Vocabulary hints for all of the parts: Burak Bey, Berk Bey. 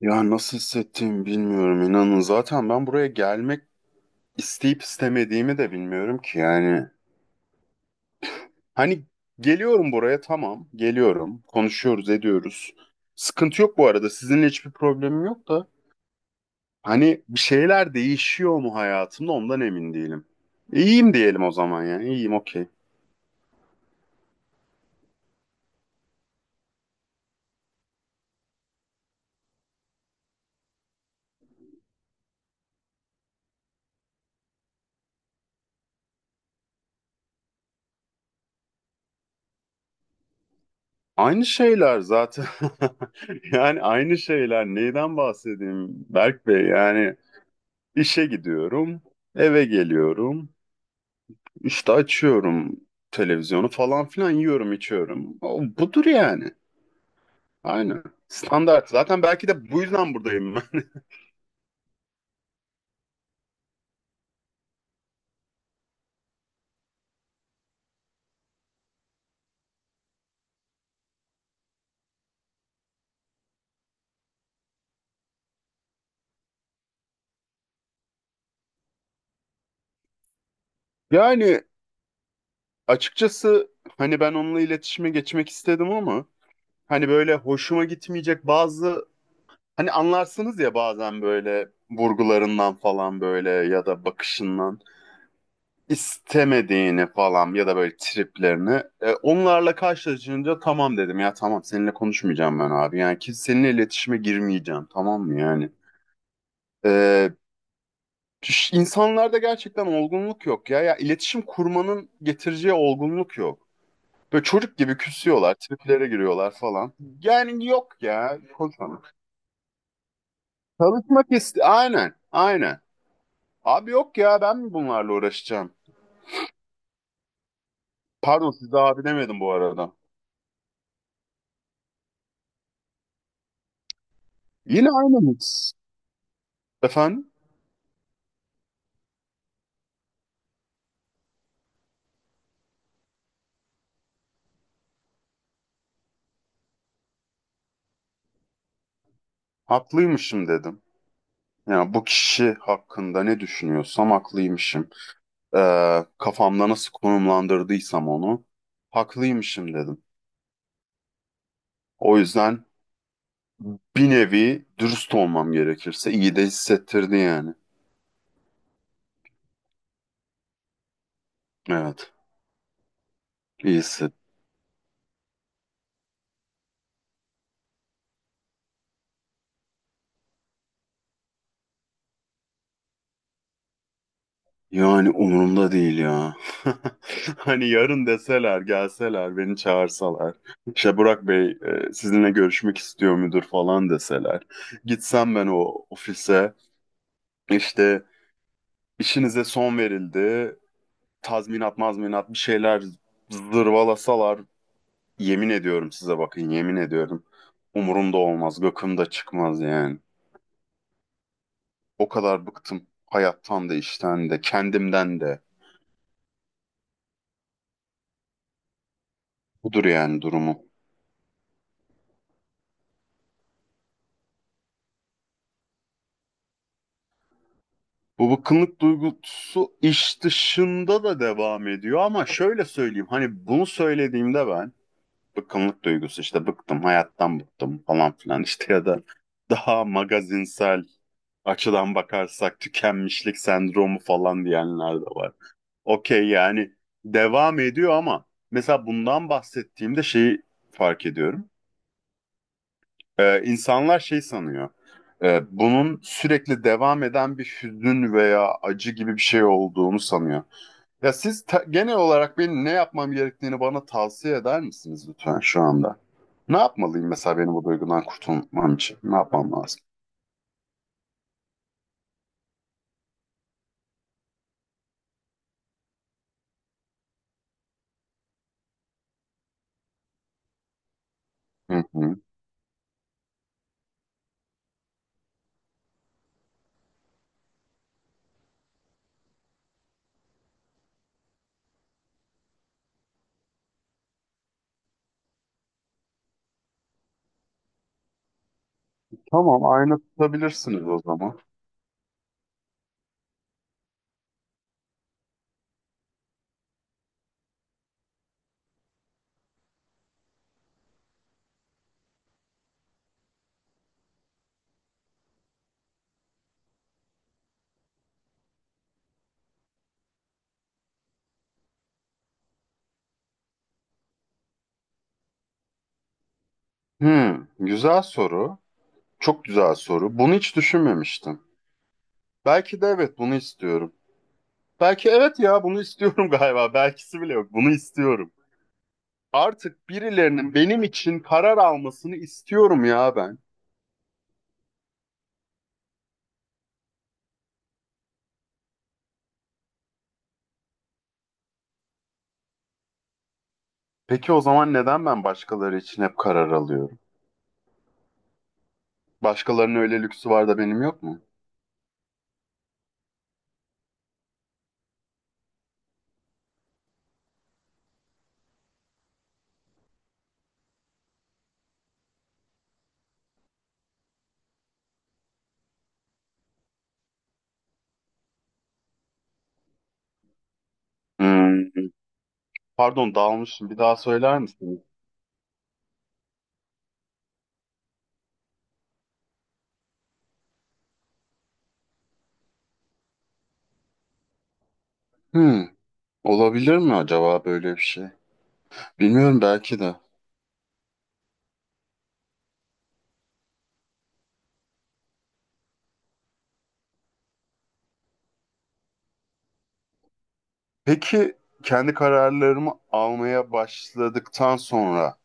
Ya nasıl hissettiğimi bilmiyorum inanın. Zaten ben buraya gelmek isteyip istemediğimi de bilmiyorum ki yani. Hani geliyorum buraya, tamam, geliyorum, konuşuyoruz ediyoruz. Sıkıntı yok, bu arada sizinle hiçbir problemim yok da. Hani bir şeyler değişiyor mu hayatımda ondan emin değilim. İyiyim diyelim o zaman, yani iyiyim, okey. Aynı şeyler zaten yani aynı şeyler, neyden bahsedeyim Berk Bey, yani işe gidiyorum, eve geliyorum. İşte açıyorum televizyonu falan filan, yiyorum içiyorum. O, budur yani. Aynen. Standart. Zaten belki de bu yüzden buradayım ben. Yani açıkçası hani ben onunla iletişime geçmek istedim ama hani böyle hoşuma gitmeyecek bazı hani, anlarsınız ya, bazen böyle vurgularından falan, böyle ya da bakışından. İstemediğini falan ya da böyle triplerini. Onlarla karşılaşınca tamam dedim ya, tamam seninle konuşmayacağım ben abi. Yani ki seninle iletişime girmeyeceğim, tamam mı yani. E, insanlarda gerçekten olgunluk yok ya. Ya iletişim kurmanın getireceği olgunluk yok. Böyle çocuk gibi küsüyorlar, triplere giriyorlar falan. Yani yok ya. Konuşalım. Çalışmak iste... Aynen, aynen. Abi yok ya, ben mi bunlarla uğraşacağım? Pardon, size abi demedim bu arada. Yine aynı mix. Efendim? Haklıymışım dedim. Yani bu kişi hakkında ne düşünüyorsam haklıymışım. Kafamda nasıl konumlandırdıysam onu, haklıymışım dedim. O yüzden bir nevi, dürüst olmam gerekirse, iyi de hissettirdi yani. Evet, iyi hisset. Yani umurumda değil ya. Hani yarın deseler, gelseler, beni çağırsalar. İşte Burak Bey sizinle görüşmek istiyor müdür falan deseler. Gitsem ben o ofise, işte, İşinize son verildi, tazminat mazminat bir şeyler zırvalasalar, yemin ediyorum size, bakın yemin ediyorum. Umurumda olmaz, gıkımda çıkmaz yani. O kadar bıktım hayattan da işten de kendimden de. Budur yani durumu. Bu bıkkınlık duygusu iş dışında da devam ediyor ama şöyle söyleyeyim. Hani bunu söylediğimde ben, bıkkınlık duygusu, işte bıktım hayattan, bıktım falan filan, işte ya da daha magazinsel açıdan bakarsak tükenmişlik sendromu falan diyenler de var. Okey, yani devam ediyor ama mesela bundan bahsettiğimde şeyi fark ediyorum. İnsanlar şey sanıyor. Bunun sürekli devam eden bir hüzün veya acı gibi bir şey olduğunu sanıyor. Genel olarak benim ne yapmam gerektiğini bana tavsiye eder misiniz lütfen şu anda? Ne yapmalıyım mesela benim bu duygudan kurtulmam için? Ne yapmam lazım? Hı hı. Tamam, ayna tutabilirsiniz o zaman. Hı, güzel soru. Çok güzel soru. Bunu hiç düşünmemiştim. Belki de evet, bunu istiyorum. Belki evet ya, bunu istiyorum galiba. Belkisi bile yok. Bunu istiyorum. Artık birilerinin benim için karar almasını istiyorum ya ben. Peki o zaman neden ben başkaları için hep karar alıyorum? Başkalarının öyle lüksü var da benim yok mu? Hmm, pardon, dağılmışım. Bir daha söyler misiniz? Hmm. Olabilir mi acaba böyle bir şey? Bilmiyorum, belki de. Peki kendi kararlarımı almaya başladıktan sonra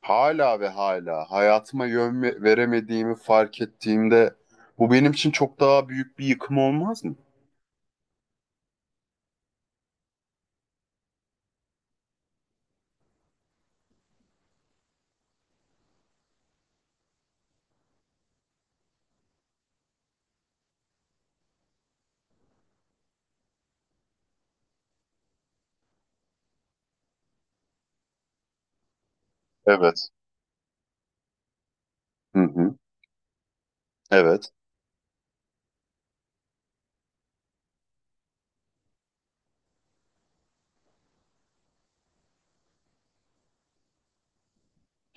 hala ve hala hayatıma veremediğimi fark ettiğimde, bu benim için çok daha büyük bir yıkım olmaz mı? Evet. Hı hı. Evet.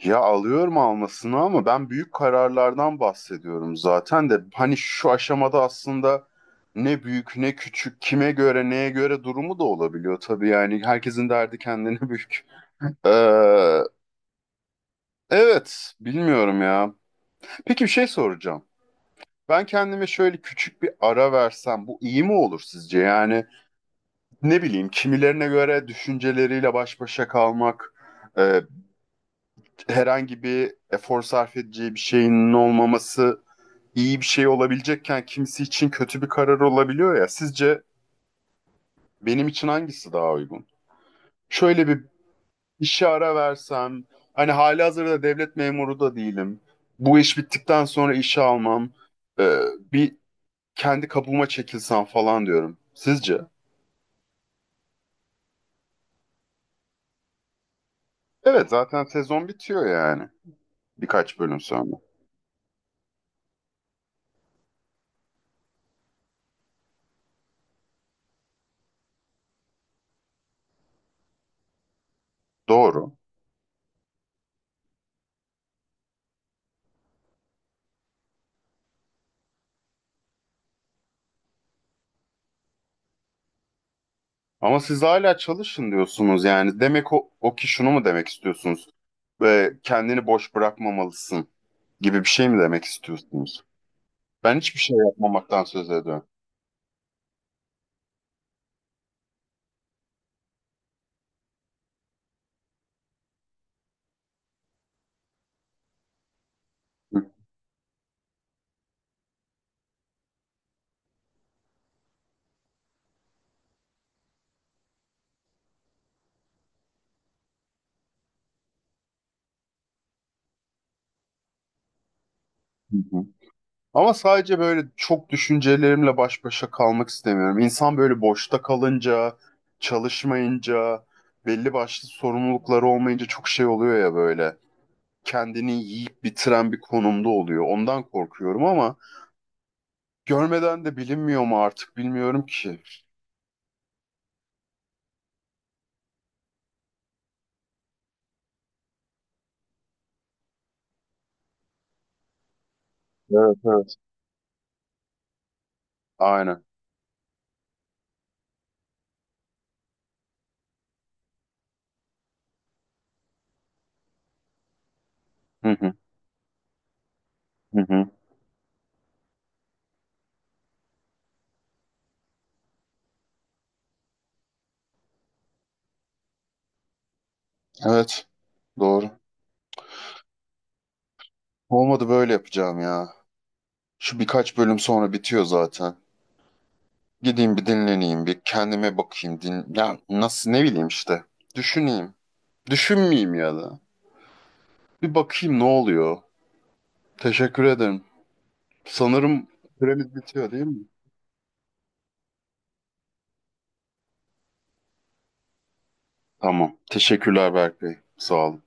Ya alıyorum almasını ama ben büyük kararlardan bahsediyorum zaten de, hani şu aşamada aslında ne büyük ne küçük, kime göre neye göre durumu da olabiliyor tabii, yani herkesin derdi kendine büyük. Ee, evet, bilmiyorum ya. Peki bir şey soracağım. Ben kendime şöyle küçük bir ara versem bu iyi mi olur sizce? Yani ne bileyim, kimilerine göre düşünceleriyle baş başa kalmak, e, herhangi bir efor sarf edeceği bir şeyin olmaması iyi bir şey olabilecekken kimisi için kötü bir karar olabiliyor ya. Sizce benim için hangisi daha uygun? Şöyle bir, İşe ara versem, hani halihazırda devlet memuru da değilim. Bu iş bittikten sonra işe almam, e, bir kendi kabuğuma çekilsem falan diyorum. Sizce? Evet, zaten sezon bitiyor yani birkaç bölüm sonra. Doğru. Ama siz hala çalışın diyorsunuz yani. Demek o ki, şunu mu demek istiyorsunuz? Kendini boş bırakmamalısın gibi bir şey mi demek istiyorsunuz? Ben hiçbir şey yapmamaktan söz ediyorum. Hı hı. Ama sadece böyle çok düşüncelerimle baş başa kalmak istemiyorum. İnsan böyle boşta kalınca, çalışmayınca, belli başlı sorumlulukları olmayınca çok şey oluyor ya böyle. Kendini yiyip bitiren bir konumda oluyor. Ondan korkuyorum ama görmeden de bilinmiyor mu, artık bilmiyorum ki. Evet, evet. Aynen. Hı hı, hı hı. Evet, doğru. Olmadı böyle yapacağım ya. Şu birkaç bölüm sonra bitiyor zaten. Gideyim bir dinleneyim, bir kendime bakayım. Din ya, nasıl, ne bileyim işte. Düşüneyim. Düşünmeyeyim ya da. Bir bakayım ne oluyor. Teşekkür ederim. Sanırım süremiz bitiyor değil mi? Tamam. Teşekkürler Berk Bey. Sağ olun.